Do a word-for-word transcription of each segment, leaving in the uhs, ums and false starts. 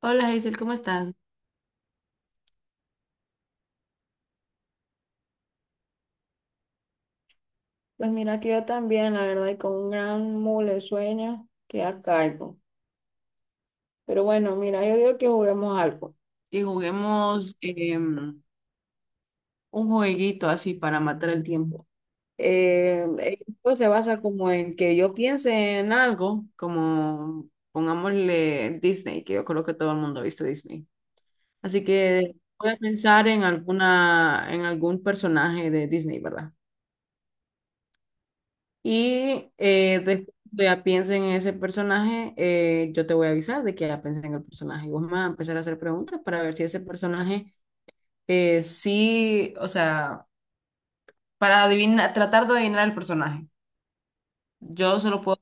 Hola Hazel, ¿cómo estás? Pues mira que yo también, la verdad, y con un gran mole sueño que a cargo. Pero bueno, mira, yo digo que juguemos algo. Que juguemos em, un jueguito así para matar el tiempo. Eh, esto se basa como en que yo piense en algo, como pongámosle Disney, que yo creo que todo el mundo ha visto Disney. Así que voy a pensar en alguna, en algún personaje de Disney, ¿verdad? Y eh, después que ya piense en ese personaje, eh, yo te voy a avisar de que ya pensé en el personaje. Y vos me vas a empezar a hacer preguntas para ver si ese personaje eh, sí, o sea, para adivinar, tratar de adivinar el personaje. Yo solo puedo,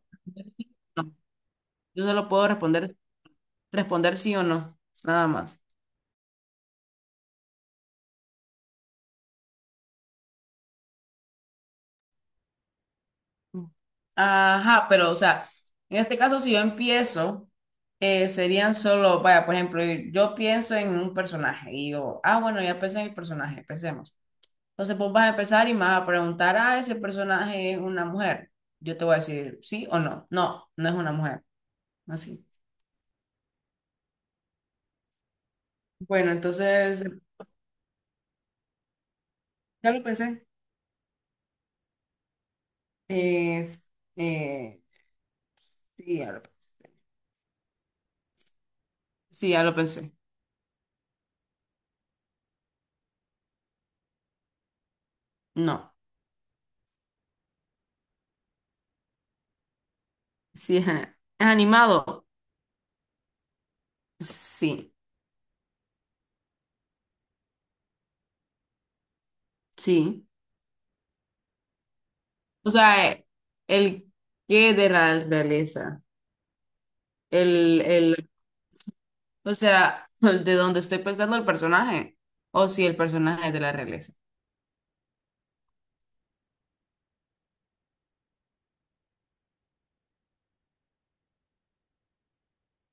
yo solo puedo responder, responder sí o no, nada más. Ajá, pero o sea, en este caso si yo empiezo, eh, serían solo, vaya, por ejemplo, yo pienso en un personaje y yo, ah, bueno, ya pensé en el personaje, empecemos. Entonces vos vas a empezar y me vas a preguntar, ah, ese personaje es una mujer. Yo te voy a decir sí o no. No, no es una mujer. Así. Bueno, entonces, ya lo pensé. Es, eh, sí, ya lo, sí, ya lo pensé. No. Sí, es, es animado. Sí, sí. O sea, eh, el qué de la realeza. El, el, o sea, de donde estoy pensando el personaje. O si el personaje es de la realeza.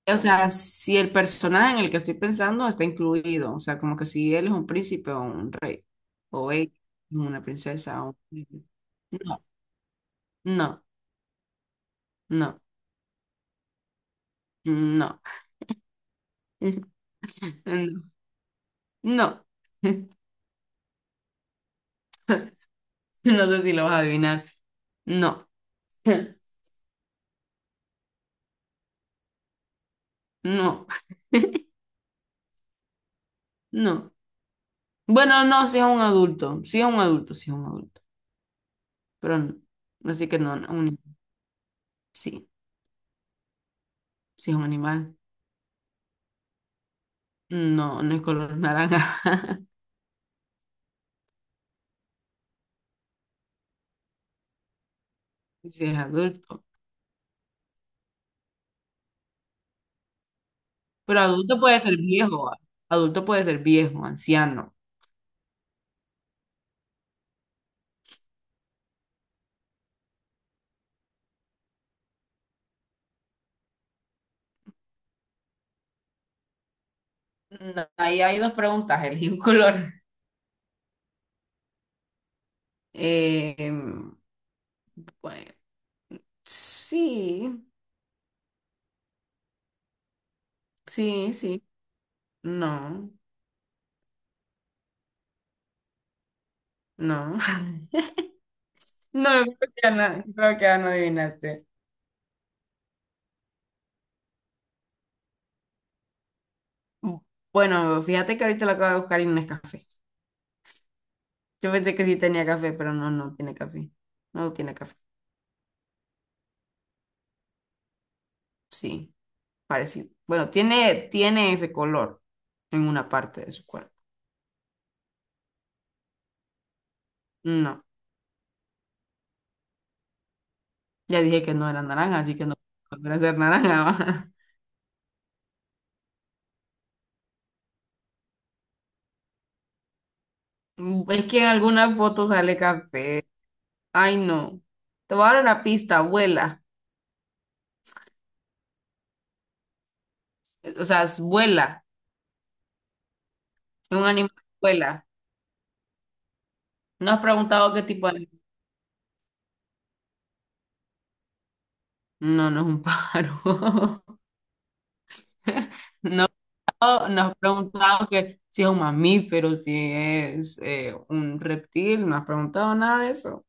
O sea, si el personaje en el que estoy pensando está incluido, o sea, como que si él es un príncipe o un rey, o ella es una princesa o un... No, no, no, no, no, no sé si lo vas a adivinar, no, no, no. Bueno, no, si es un adulto, si es un adulto, si es un adulto, pero no, así que no, no, un- sí, si es un animal, no, no es color naranja, si es adulto. Pero adulto puede ser viejo, ah. Adulto puede ser viejo, anciano. No, ahí hay dos preguntas, elegí un color. Eh, pues, sí, sí, sí. No, no. No, creo que, no, creo que ya no adivinaste. Bueno, fíjate que ahorita lo acabo de buscar y no es café. Yo pensé que sí tenía café, pero no, no tiene café. No tiene café. Sí, parecido. Bueno, tiene, tiene ese color en una parte de su cuerpo. No. Ya dije que no era naranja, así que no puede volver a ser naranja. Va. Mm, Es que en algunas fotos sale café. Ay, no. Te voy a dar una pista, vuela. O sea, es- vuela. Es un animal que vuela. ¿No has preguntado qué tipo de animal? No, no es un pájaro. No, no has preguntado que si es un mamífero, si es eh, un reptil. No has preguntado nada de eso.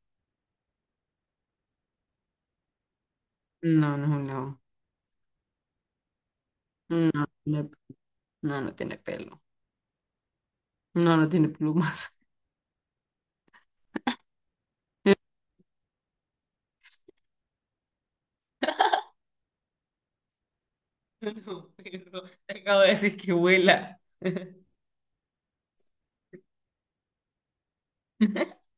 No, no es un león. No, no, tiene- no, no tiene pelo. No, no tiene plumas. No, Pedro, te acabo de decir que vuela.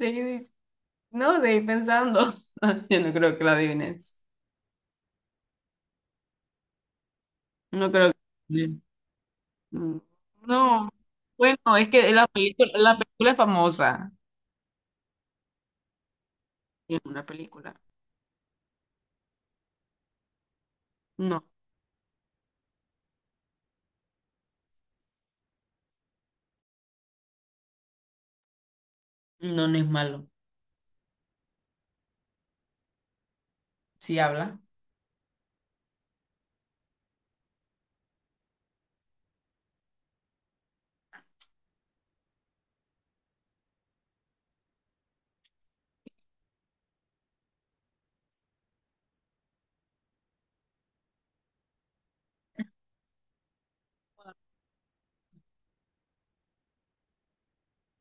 Seguí dic- no, seguí pensando. Yo no creo que la adivines. No creo que... Mm, no. Bueno, es que la película, la película es famosa. Es una película. No, no, no es malo. Si habla.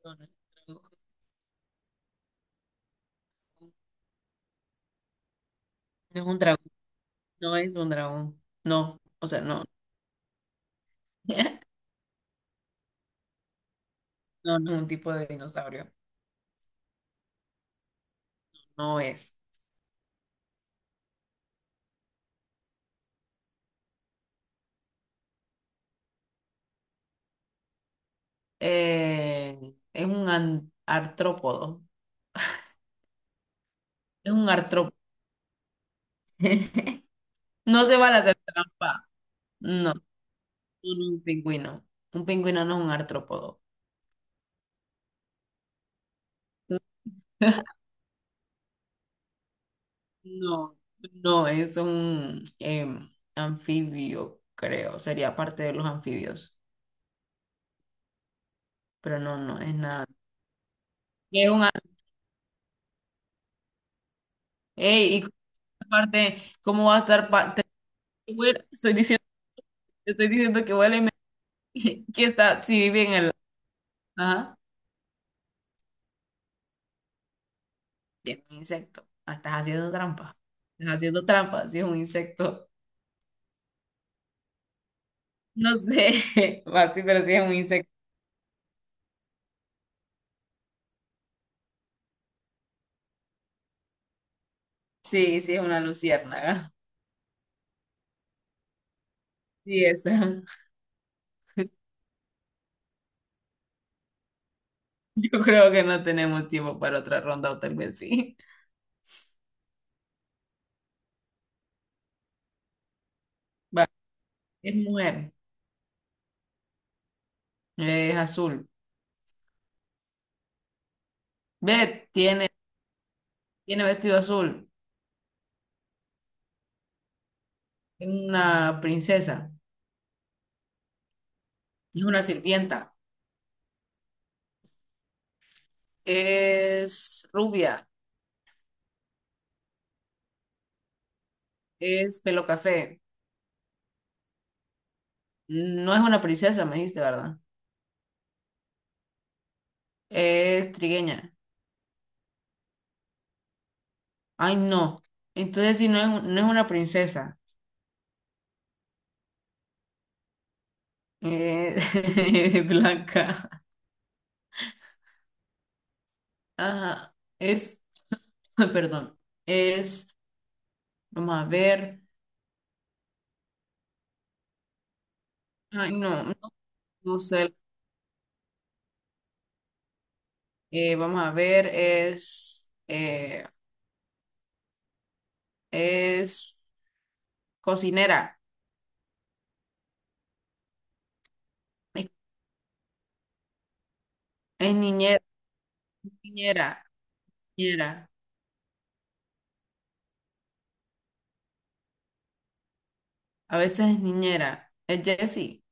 No, no es un dragón. No es un dragón. No es un dragón. No, o sea, no. No, no es un tipo de dinosaurio. No es. Eh, es un an- artrópodo. Es un artrópodo. No se van a hacer trampa. No, un, un pingüino. Un pingüino no es un artrópodo. No, no, es un em, anfibio, creo. Sería parte de los anfibios. Pero no, no es nada. Es un an- Ey, y aparte, ¿cómo va a estar parte? Estoy diciendo, estoy diciendo que huele me- que está, si vive en el. Ajá. Y es un insecto. Ah, estás haciendo trampa. Estás haciendo trampa, si es un insecto. No sé, va, sí, pero sí es un insecto. Sí, sí es una luciérnaga. Sí, esa. Yo creo que no tenemos tiempo para otra ronda o tal vez sí. Va, es mujer, es azul. Ve, tiene, tiene vestido azul. Es una princesa, es una sirvienta. Es rubia, es pelo café. No es una princesa, me dijiste, ¿verdad? Es trigueña. Ay, no. Entonces, si no es, un- no es una princesa, eh, es blanca. Ajá. Es, perdón, es, vamos a ver. Ay, no, no, no sé. Eh, vamos a ver, es, eh, es cocinera, es, es niñera, niñera, niñera. A veces es niñera. Es Jessie.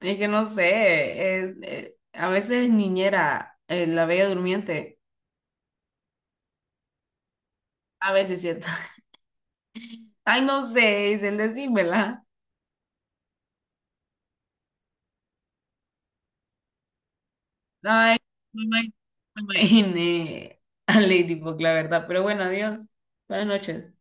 Es que no sé, es, eh, a veces es niñera, eh, la bella durmiente. A veces, ¿cierto? Ay, no sé, Isel, decímela. Ay, no me no me imaginé a Lady Bug, la verdad. Pero bueno, adiós. Buenas noches.